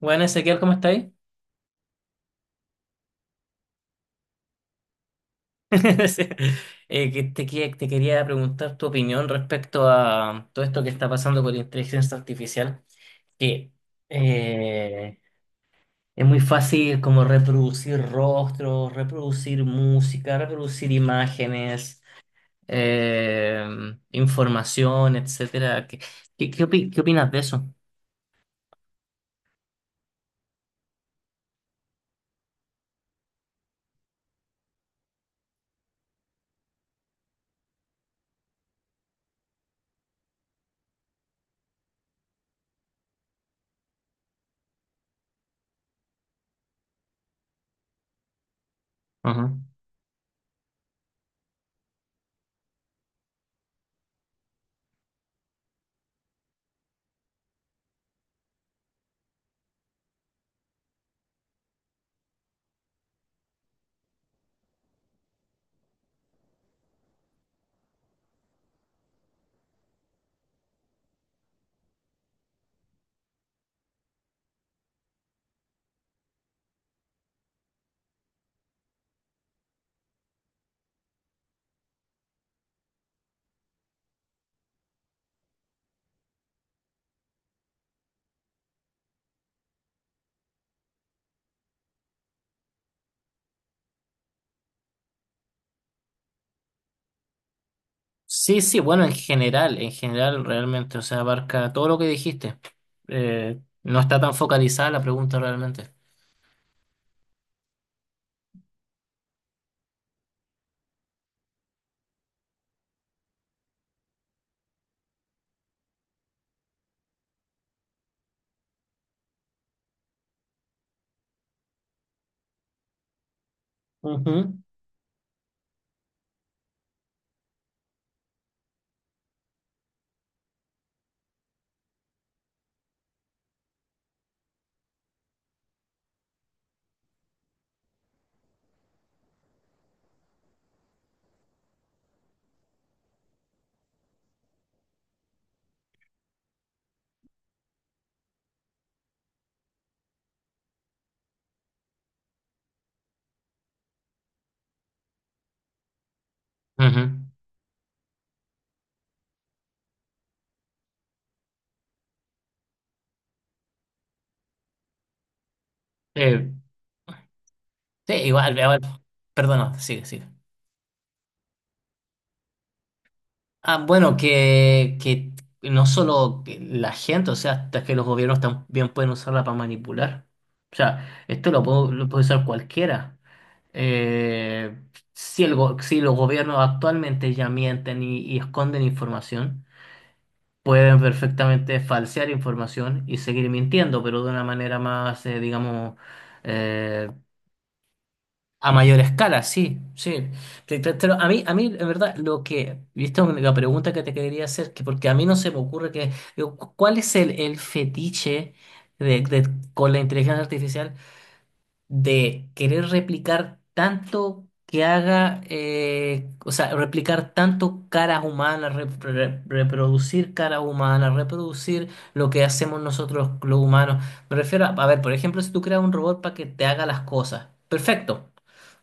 Bueno, Ezequiel, ¿cómo estáis? Sí. Te quería preguntar tu opinión respecto a todo esto que está pasando con la inteligencia artificial, que eh, es muy fácil como reproducir rostros, reproducir música, reproducir imágenes, eh, información, etcétera. ¿Qué opinas de eso? Ujú. Sí, sí, bueno, en general realmente, o sea, abarca todo lo que dijiste. No está tan focalizada la pregunta realmente. Ujú. Ujú. Eh, sí, igual, igual. Perdona, sigue, sigue. Ah, bueno, que no solo que la gente, o sea, hasta que los gobiernos también pueden usarla para manipular. O sea, esto lo puede usar cualquiera. Eh, si, si los gobiernos actualmente ya mienten y esconden información, pueden perfectamente falsear información y seguir mintiendo, pero de una manera más, digamos, eh, a mayor escala, sí, sí. A mí, en verdad, lo que, y esta es una pregunta que te quería hacer, que porque a mí no se me ocurre que, digo, ¿cuál es el fetiche de, con la inteligencia artificial? De querer replicar tanto que haga, o sea, replicar tanto caras humanas, reproducir caras humanas, reproducir lo que hacemos nosotros los humanos. Me refiero a ver, por ejemplo, si tú creas un robot para que te haga las cosas, perfecto.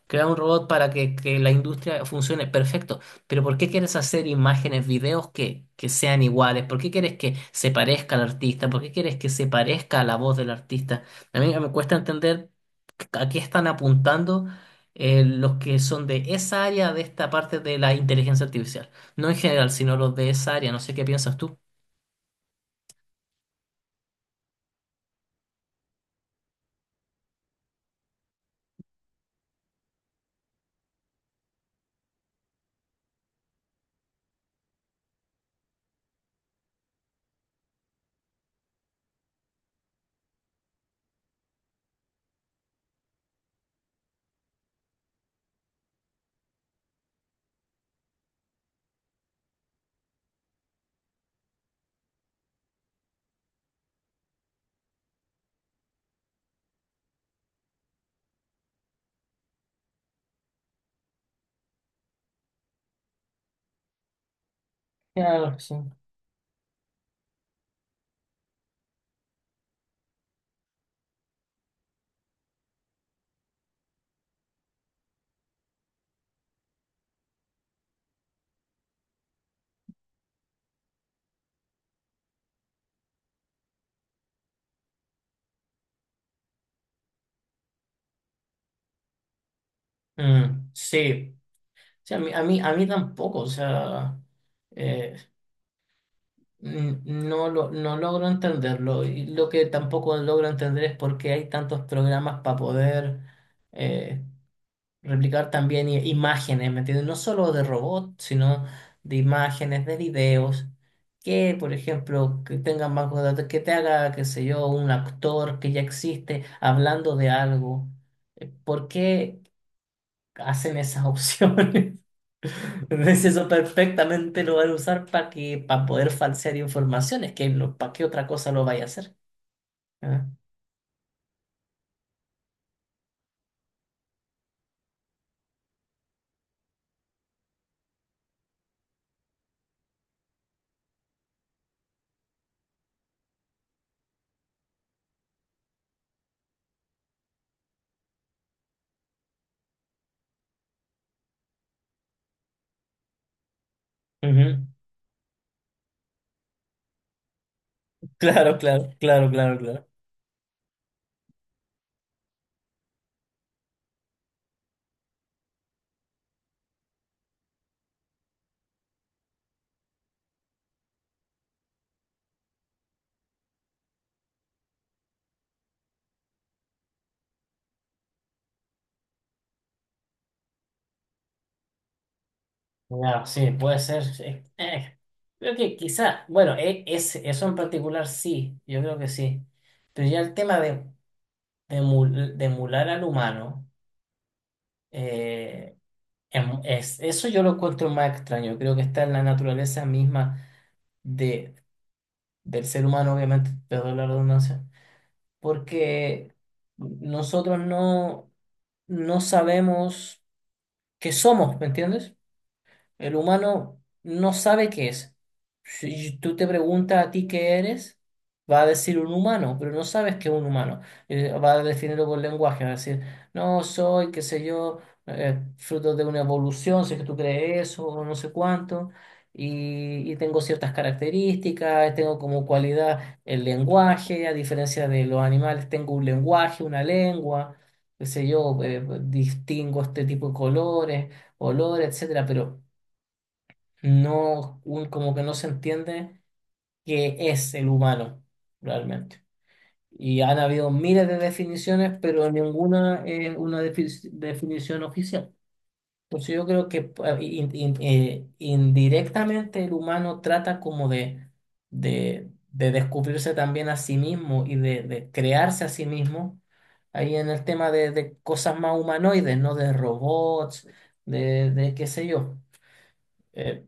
Crea un robot para que la industria funcione, perfecto. Pero ¿por qué quieres hacer imágenes, videos que sean iguales? ¿Por qué quieres que se parezca al artista? ¿Por qué quieres que se parezca a la voz del artista? A mí me cuesta entender a qué están apuntando los que son de esa área, de esta parte de la inteligencia artificial. No en general, sino los de esa área. No sé qué piensas tú. Claro, sí. Mm, sí. Sí, a mí tampoco, o sea, eh, no lo, no logro entenderlo. Y lo que tampoco logro entender es por qué hay tantos programas para poder eh, replicar también imágenes, ¿me entiendes? No solo de robots, sino de imágenes, de videos, que, por ejemplo, que tengan banco de datos, que te haga, qué sé yo, un actor que ya existe hablando de algo. ¿Por qué hacen esas opciones? Entonces, eso perfectamente lo van a usar para que, para poder falsear informaciones, que no, para qué otra cosa lo vaya a hacer. Ah, ujú. Claro, claro, claro, claro, claro. Ya, sí, puede ser, sí. Creo que quizá, bueno, eso en particular sí, yo creo que sí. Pero ya el tema de, de emular al humano, eh, es, eso yo lo encuentro más extraño. Creo que está en la naturaleza misma de, del ser humano, obviamente, perdón la redundancia, porque nosotros no, no sabemos qué somos, ¿me entiendes? El humano no sabe qué es. Si tú te preguntas a ti qué eres, va a decir un humano, pero no sabes qué es un humano. Va a definirlo por lenguaje, va a decir, no soy, qué sé yo, fruto de una evolución, si es que tú crees eso, o no sé cuánto, y tengo ciertas características, tengo como cualidad el lenguaje, a diferencia de los animales, tengo un lenguaje, una lengua, qué sé yo, distingo este tipo de colores, olores, etcétera, pero no, como que no se entiende qué es el humano realmente. Y han habido miles de definiciones, pero ninguna es una definición oficial. Entonces yo creo que indirectamente el humano trata como de, de descubrirse también a sí mismo y de crearse a sí mismo. Ahí en el tema de cosas más humanoides, ¿no? De robots, de qué sé yo. Eh,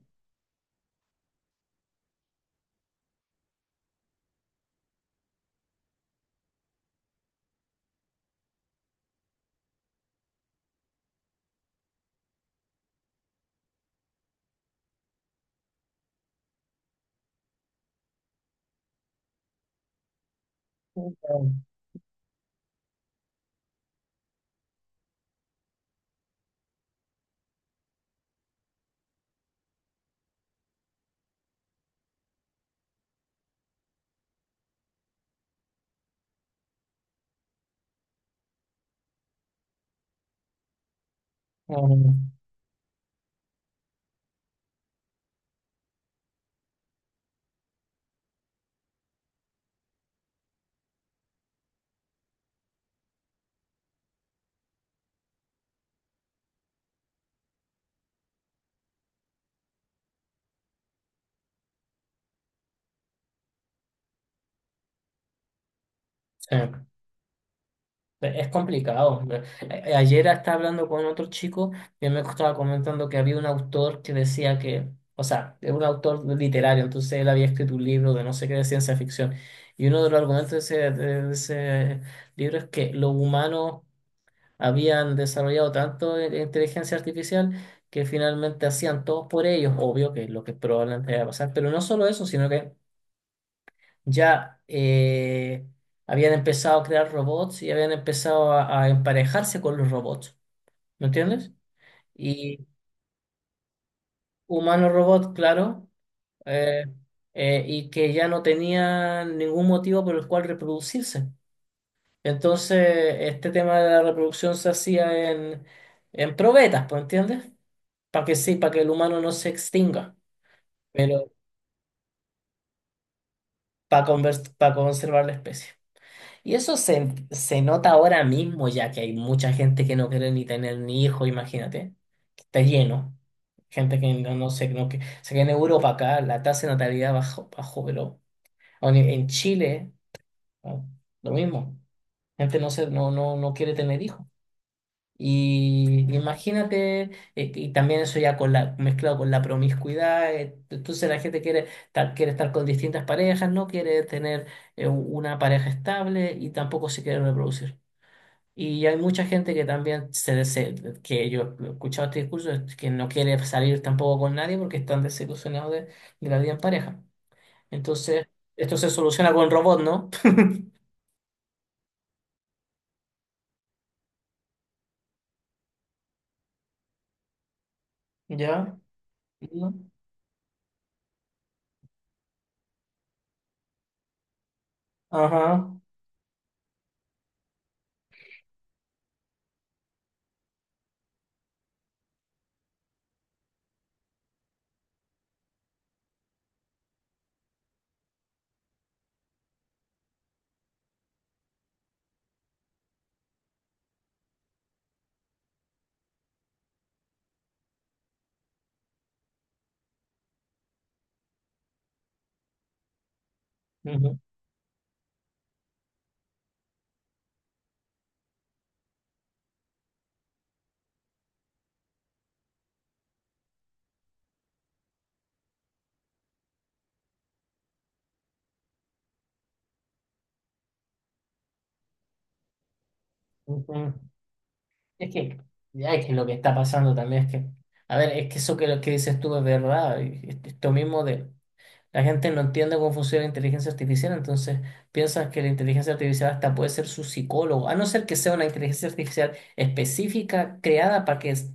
Eh, Es complicado. Ayer estaba hablando con otro chico que me estaba comentando que había un autor que decía que, o sea, es un autor literario, entonces él había escrito un libro de no sé qué de ciencia ficción. Y uno de los argumentos de ese libro es que los humanos habían desarrollado tanto inteligencia artificial que finalmente hacían todo por ellos, obvio que es lo que probablemente iba a pasar. Pero no solo eso, sino que ya eh, habían empezado a crear robots y habían empezado a emparejarse con los robots, ¿me entiendes? Y humano-robot, claro, eh, y que ya no tenían ningún motivo por el cual reproducirse. Entonces, este tema de la reproducción se hacía en probetas, ¿me entiendes? Para que sí, para que el humano no se extinga, pero para conservar la especie. Y se nota ahora mismo, ya que hay mucha gente que no quiere ni tener ni hijo, imagínate, que está lleno. Gente que no, no sé, no, que, sé que en Europa acá la tasa de natalidad bajó, bajó, pero aún en Chile, ¿no? Lo mismo. Gente no, no quiere tener hijos. Y imagínate, y también eso ya con la, mezclado con la promiscuidad, entonces la gente quiere, quiere estar con distintas parejas, no quiere tener una pareja estable y tampoco se quiere reproducir. Y hay mucha gente que también que yo he escuchado este discurso, es que no quiere salir tampoco con nadie porque están desilusionados de la vida en pareja. Entonces, esto se soluciona con robot, ¿no? ¿Ya? ¿No? Ajá. Ujú, ujú. Es que, ya es que lo que está pasando también es que, a ver, es que eso que, lo que dices tú es verdad. Esto mismo de la gente no entiende cómo funciona la inteligencia artificial, entonces piensan que la inteligencia artificial hasta puede ser su psicólogo, a no ser que sea una inteligencia artificial específica creada para que,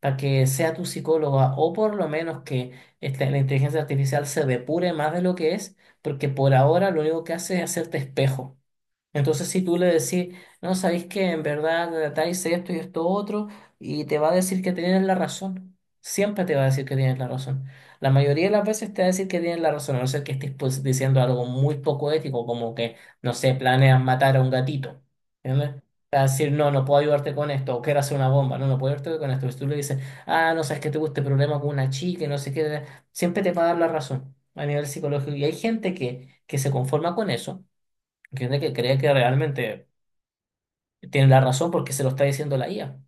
para que sea tu psicóloga, o por lo menos que la inteligencia artificial se depure más de lo que es, porque por ahora lo único que hace es hacerte espejo. Entonces, si tú le decís, no, sabéis que en verdad tal hice esto y esto otro, y te va a decir que tienes la razón. Siempre te va a decir que tienes la razón. La mayoría de las veces te va a decir que tienes la razón, a no ser que estés pues, diciendo algo muy poco ético, como que, no sé, planeas matar a un gatito. ¿Entiendes? Te va a decir, no, no puedo ayudarte con esto, o quiero hacer una bomba, no, no puedo ayudarte con esto. Si tú le dices, ah, no sabes que tuve este problema con una chica y no sé qué, siempre te va a dar la razón a nivel psicológico. Y hay gente que se conforma con eso. Gente que cree que realmente tiene la razón porque se lo está diciendo la IA.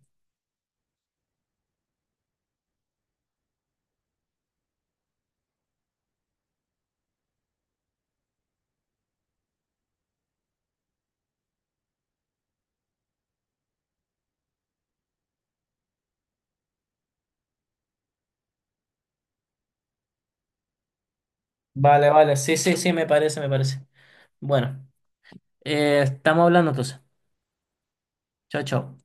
Vale, vale, sí, sí, sí, me parece, me parece. Bueno, estamos hablando entonces. Chao, chao.